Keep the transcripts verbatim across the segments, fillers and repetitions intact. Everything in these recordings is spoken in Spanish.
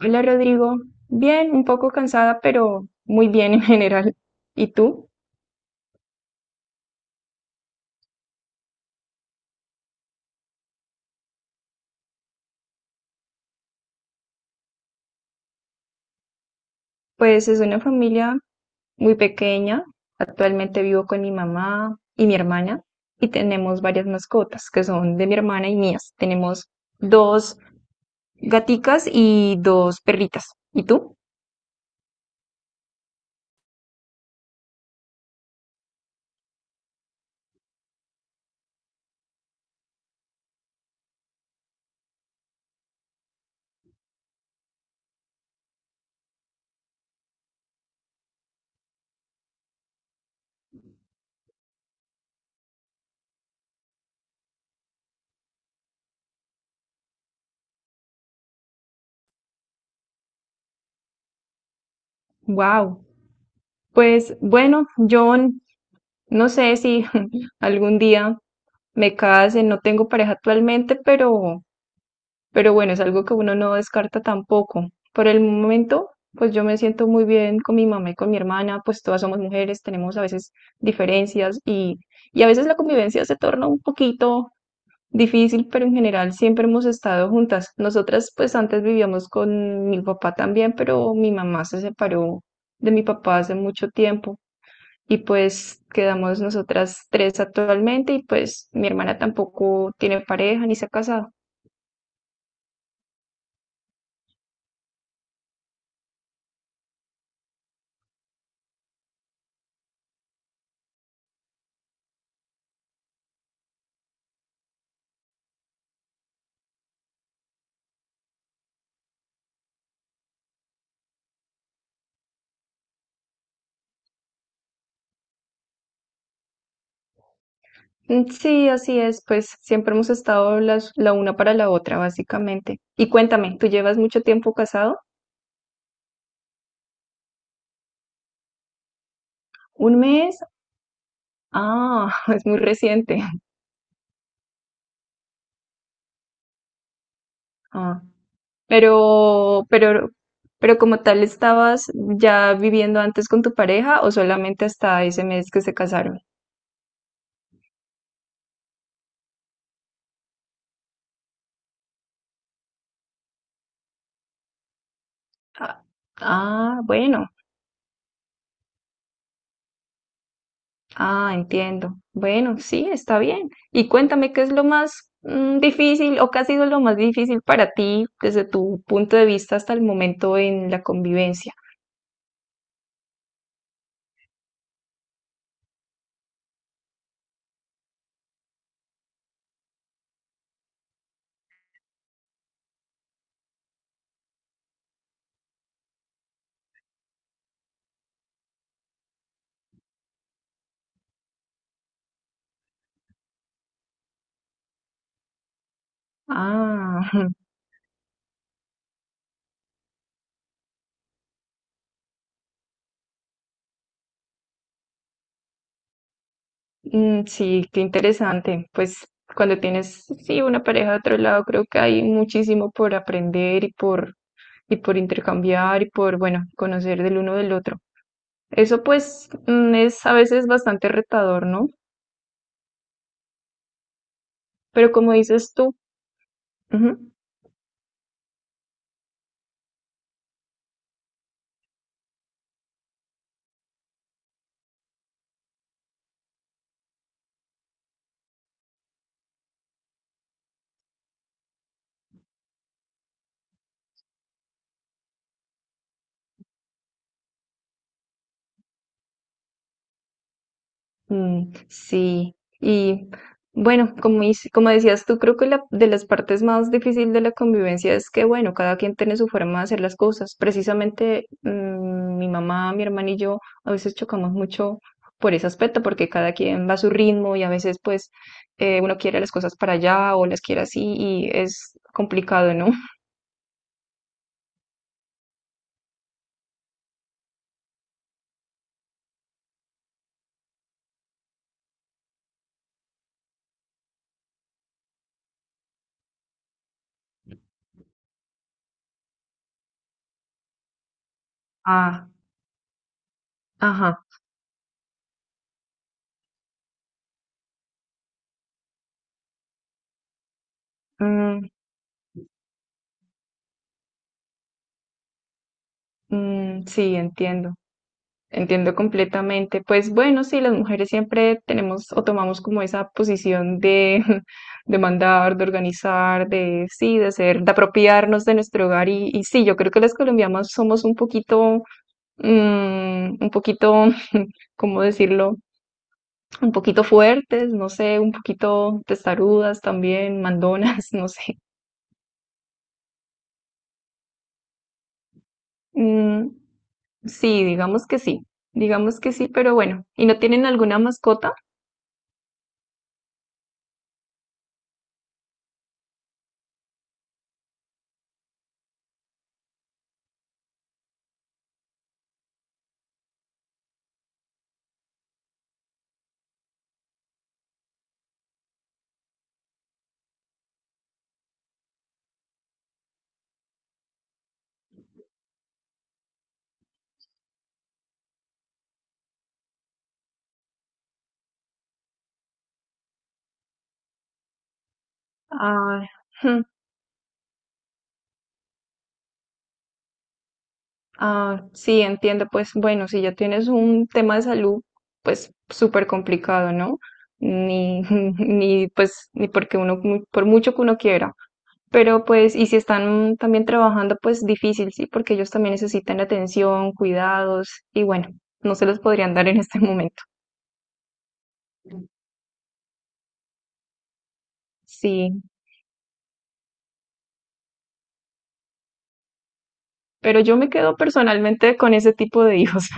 Hola Rodrigo, bien, un poco cansada, pero muy bien en general. ¿Y tú? Pues es una familia muy pequeña. Actualmente vivo con mi mamá y mi hermana y tenemos varias mascotas que son de mi hermana y mías. Tenemos dos gaticas y dos perritas. ¿Y tú? Wow. Pues bueno, yo n- no sé si algún día me case, no tengo pareja actualmente, pero Pero bueno, es algo que uno no descarta tampoco. Por el momento, pues yo me siento muy bien con mi mamá y con mi hermana, pues todas somos mujeres, tenemos a veces diferencias y, y a veces la convivencia se torna un poquito difícil, pero en general siempre hemos estado juntas. Nosotras pues antes vivíamos con mi papá también, pero mi mamá se separó de mi papá hace mucho tiempo y pues quedamos nosotras tres actualmente y pues mi hermana tampoco tiene pareja ni se ha casado. Mm, sí, así es, pues siempre hemos estado las, la una para la otra, básicamente. Y cuéntame, ¿tú llevas mucho tiempo casado? ¿Un mes? Ah, es muy reciente. Ah, pero, pero, pero como tal, ¿estabas ya viviendo antes con tu pareja o solamente hasta ese mes que se casaron? Ah, ah, bueno. Ah, entiendo. Bueno, sí, está bien. Y cuéntame qué es lo más mm, difícil o qué ha sido lo más difícil para ti desde tu punto de vista hasta el momento en la convivencia. Ah, mm, sí, qué interesante. Pues cuando tienes, sí, una pareja de otro lado, creo que hay muchísimo por aprender y por, y por intercambiar y por, bueno, conocer del uno del otro. Eso pues mm, es a veces bastante retador, ¿no? Pero como dices tú, ujú. Mm, sí, y bueno, como, hice- como decías tú, creo que la, de las partes más difíciles de la convivencia es que, bueno, cada quien tiene su forma de hacer las cosas. Precisamente mm, mi mamá, mi hermana y yo a veces chocamos mucho por ese aspecto, porque cada quien va a su ritmo y a veces pues eh, uno quiere las cosas para allá o las quiere así y es complicado, ¿no? Ah, ajá, mm, mm, sí, entiendo. Entiendo completamente. Pues bueno, sí, las mujeres siempre tenemos o tomamos como esa posición de, de mandar, de organizar, de sí, de hacer, de apropiarnos de nuestro hogar. Y, y sí, yo creo que las colombianas somos un poquito, mm, un poquito, ¿cómo decirlo? Un poquito fuertes, no sé, un poquito testarudas también, mandonas, no sé. Mm, sí, digamos que sí, digamos que sí, pero bueno. ¿Y no tienen alguna mascota? Ah, ah, sí, entiendo. Pues bueno, si ya tienes un tema de salud, pues súper complicado, ¿no? Ni, ni pues, ni porque uno, mu- por mucho que uno quiera. Pero pues, y si están también trabajando, pues difícil, sí, porque ellos también necesitan atención, cuidados, y bueno, no se los podrían dar en este momento. Sí, pero yo me quedo personalmente con ese tipo de hijos.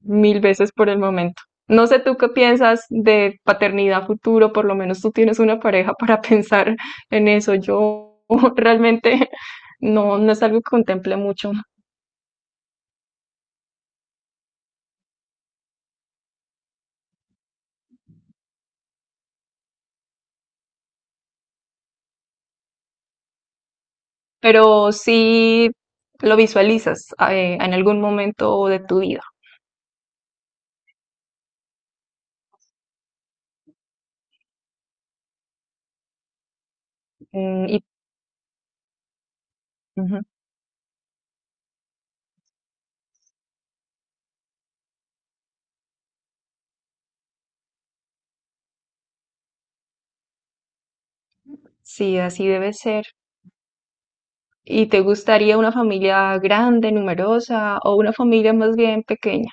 Mil veces por el momento. No sé tú qué piensas de paternidad futuro, por lo menos tú tienes una pareja para pensar en eso. Yo realmente no, no es algo que contemple mucho, pero sí lo visualizas eh, en algún momento de tu vida. Mm, y ujú. Sí, así debe ser. ¿Y te gustaría una familia grande, numerosa o una familia más bien pequeña?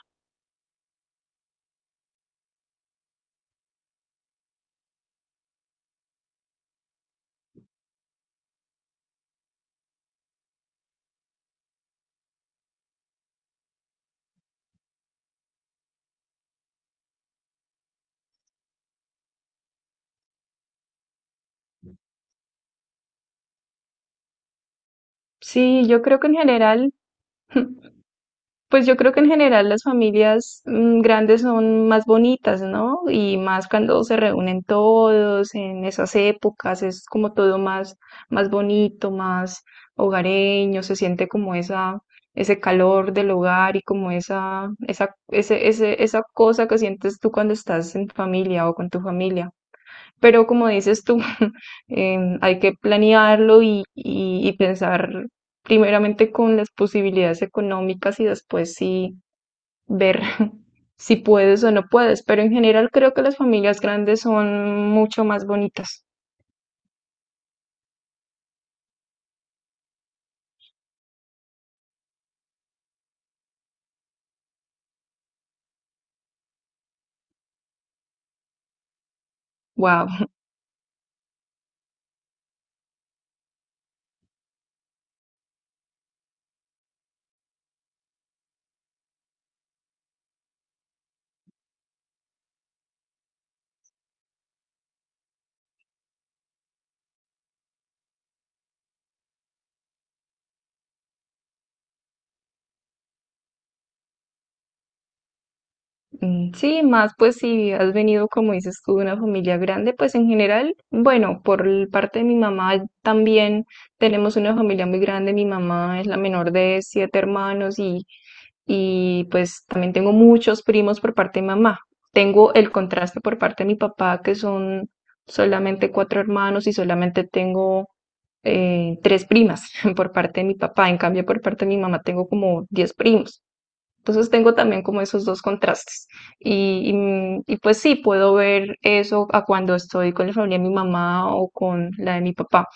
Sí, yo creo que en general Pues yo creo que en general las familias mm, grandes son más bonitas, ¿no? Y más cuando se reúnen todos en esas épocas, es como todo más, más bonito, más hogareño, se siente como esa, ese calor del hogar y como esa, esa, ese, ese- esa cosa que sientes tú cuando estás en familia o con tu familia. Pero como dices tú, em, hay que planearlo y, y- y pensar primeramente con las posibilidades económicas y después sí ver si puedes o no puedes. Pero en general creo que las familias grandes son mucho más bonitas. Wow. Mm, sí, más pues si has venido, como dices tú, de una familia grande, pues en general, bueno, por el parte de mi mamá también tenemos una familia muy grande. Mi mamá es la menor de siete hermanos y y pues también tengo muchos primos por parte de mamá. Tengo el contraste por parte de mi papá, que son solamente cuatro hermanos y solamente tengo eh, tres primas por parte de mi papá. En cambio, por parte de mi mamá tengo como diez primos. Entonces tengo también como esos dos contrastes. Y, y- mm, y, pues sí, puedo ver eso a cuando estoy con la familia de mi mamá o con la de mi papá.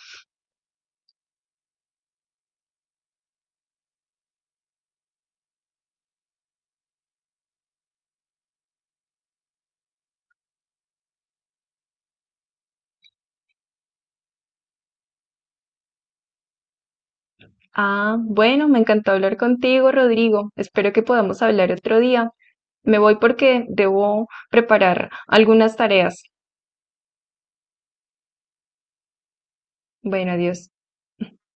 Ah, bueno, me encantó hablar contigo, Rodrigo. Espero que podamos hablar otro día. Me voy porque debo preparar algunas tareas. Bueno, adiós.